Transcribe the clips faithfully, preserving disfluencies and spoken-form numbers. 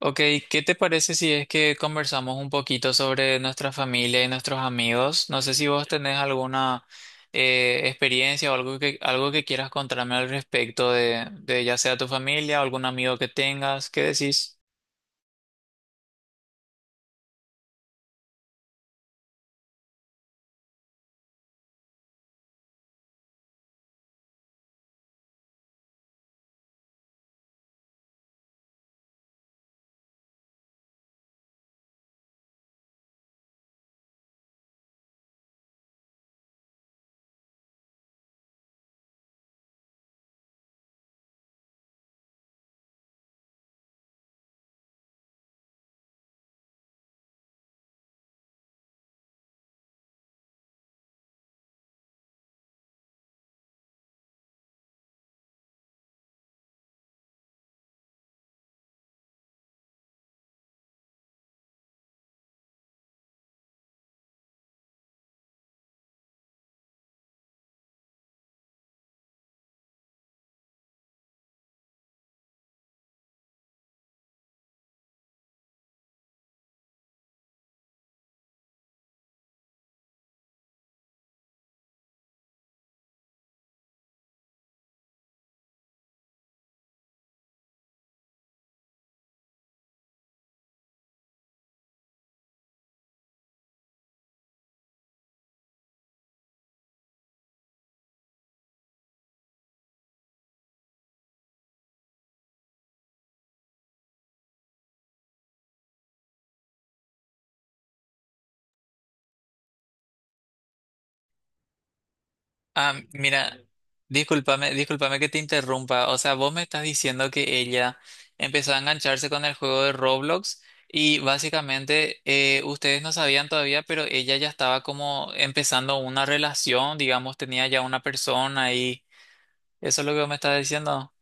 Ok, ¿qué te parece si es que conversamos un poquito sobre nuestra familia y nuestros amigos? No sé si vos tenés alguna eh, experiencia o algo que, algo que quieras contarme al respecto de, de ya sea tu familia o algún amigo que tengas. ¿Qué decís? Ah, mira, discúlpame, discúlpame que te interrumpa. O sea, vos me estás diciendo que ella empezó a engancharse con el juego de Roblox y básicamente eh, ustedes no sabían todavía, pero ella ya estaba como empezando una relación, digamos, tenía ya una persona y eso es lo que vos me estás diciendo.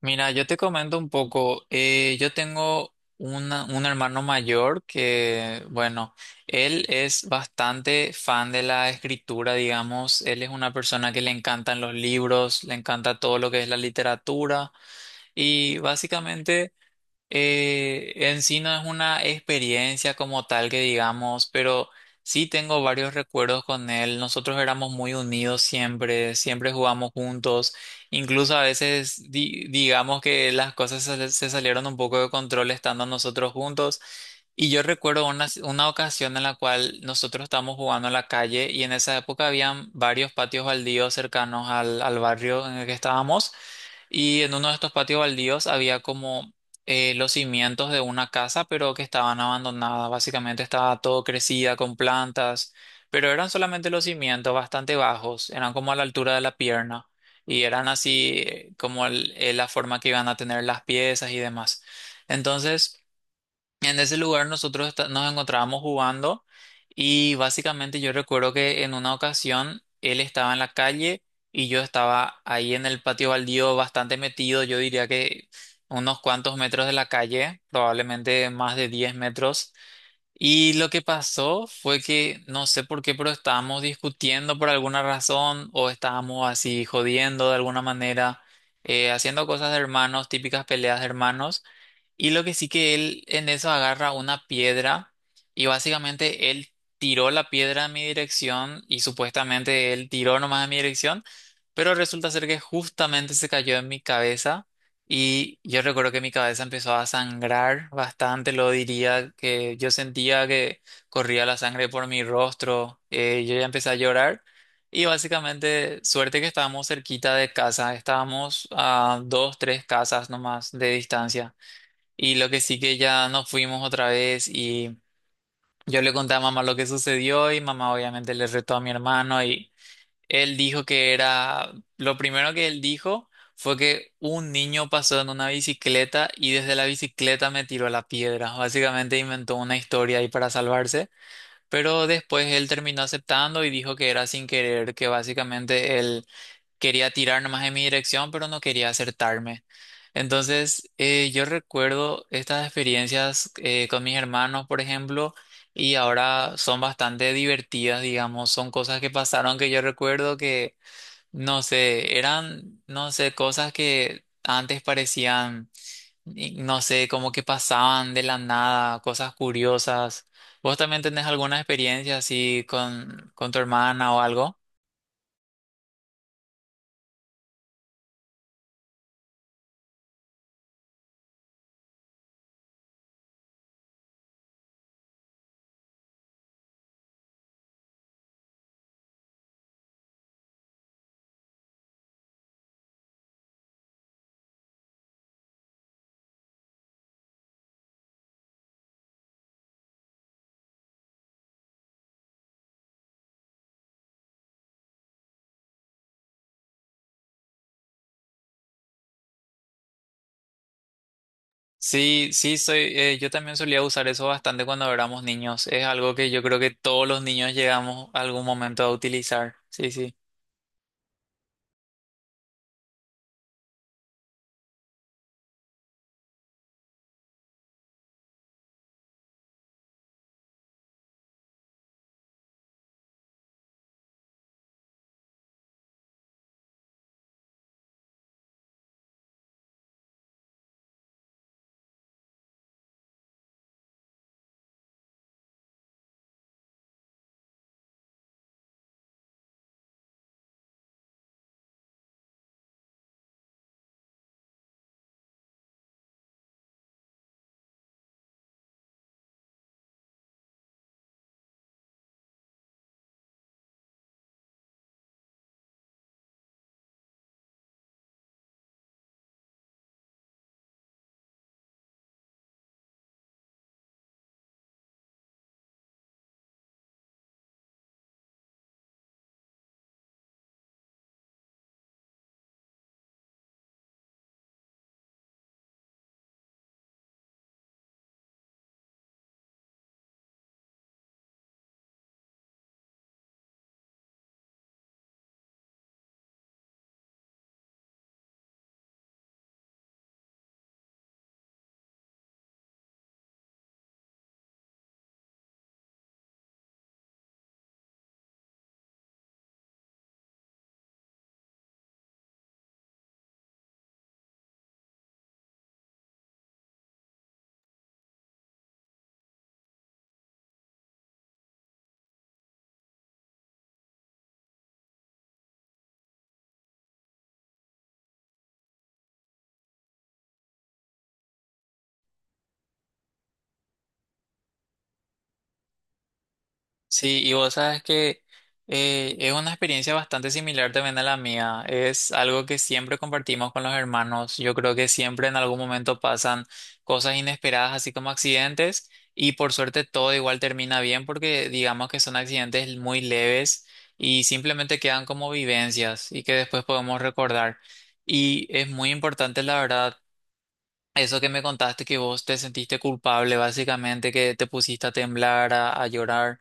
Mira, yo te comento un poco. eh, yo tengo una- un hermano mayor que, bueno, él es bastante fan de la escritura, digamos. Él es una persona que le encantan los libros, le encanta todo lo que es la literatura y básicamente... Eh, en sí no es una experiencia como tal que digamos, pero sí tengo varios recuerdos con él. Nosotros éramos muy unidos siempre, siempre jugamos juntos. Incluso a veces di- digamos que las cosas se, se salieron un poco de control estando nosotros juntos. Y yo recuerdo una, una ocasión en la cual nosotros estábamos jugando en la calle y en esa época habían varios patios baldíos cercanos al, al barrio en el que estábamos. Y en uno de estos patios baldíos había como eh, los cimientos de una casa, pero que estaban abandonadas. Básicamente estaba todo crecida con plantas, pero eran solamente los cimientos bastante bajos, eran como a la altura de la pierna y eran así eh, como el- eh, la forma que iban a tener las piezas y demás. Entonces... en ese lugar nosotros esta- nos encontrábamos jugando y básicamente yo recuerdo que en una ocasión él estaba en la calle y yo estaba ahí en el patio baldío bastante metido, yo diría que unos cuantos metros de la calle, probablemente más de diez metros. Y lo que pasó fue que no sé por qué, pero estábamos discutiendo por alguna razón o estábamos así jodiendo de alguna manera, eh, haciendo cosas de hermanos, típicas peleas de hermanos. Y lo que sí que él en eso agarra una piedra y básicamente él tiró la piedra en mi dirección y supuestamente él tiró nomás en mi dirección, pero resulta ser que justamente se cayó en mi cabeza y yo recuerdo que mi cabeza empezó a sangrar bastante, lo diría que yo sentía que corría la sangre por mi rostro, eh, yo ya empecé a llorar. Y básicamente, suerte que estábamos cerquita de casa, estábamos a dos, tres casas nomás de distancia. Y lo que sí que ya nos fuimos otra vez y yo le conté a mamá lo que sucedió y mamá obviamente le retó a mi hermano y él dijo que era, lo primero que él dijo fue que un niño pasó en una bicicleta y desde la bicicleta me tiró la piedra. Básicamente inventó una historia ahí para salvarse, pero después él terminó aceptando y dijo que era sin querer, que básicamente él quería tirar nomás en mi dirección, pero no quería acertarme. Entonces, eh, yo recuerdo estas experiencias eh, con mis hermanos, por ejemplo, y ahora son bastante divertidas, digamos, son cosas que pasaron que yo recuerdo que, no sé, eran, no sé, cosas que antes parecían, y no sé, como que pasaban de la nada, cosas curiosas. ¿Vos también tenés alguna experiencia así con, con tu hermana o algo? Sí, sí, soy, eh, yo también solía usar eso bastante cuando éramos niños. Es algo que yo creo que todos los niños llegamos a algún momento a utilizar. Sí, sí. Sí, y vos sabes que eh, es una experiencia bastante similar también a la mía. Es algo que siempre compartimos con los hermanos. Yo creo que siempre en algún momento pasan cosas inesperadas, así como accidentes, y por suerte todo igual termina bien porque digamos que son accidentes muy leves y simplemente quedan como vivencias y que después podemos recordar. Y es muy importante, la verdad. Eso que me contaste, que vos te sentiste culpable, básicamente, que te pusiste a temblar, a a llorar.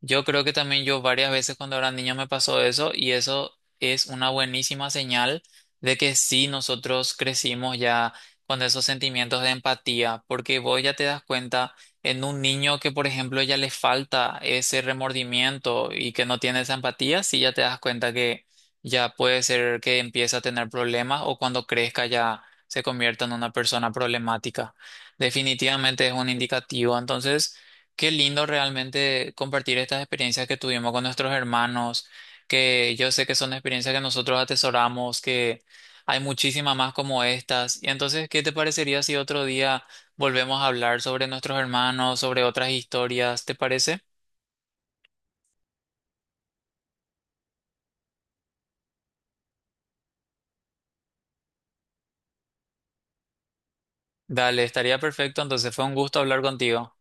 Yo creo que también yo varias veces cuando era niño me pasó eso y eso es una buenísima señal de que sí nosotros crecimos ya con esos sentimientos de empatía, porque vos ya te das cuenta en un niño que por ejemplo ya le falta ese remordimiento y que no tiene esa empatía, sí ya te das cuenta que ya puede ser que empiece a tener problemas o cuando crezca ya se convierta en una persona problemática. Definitivamente es un indicativo, entonces... qué lindo realmente compartir estas experiencias que tuvimos con nuestros hermanos, que yo sé que son experiencias que nosotros atesoramos, que hay muchísimas más como estas. Y entonces, ¿qué te parecería si otro día volvemos a hablar sobre nuestros hermanos, sobre otras historias? ¿Te parece? Dale, estaría perfecto. Entonces, fue un gusto hablar contigo.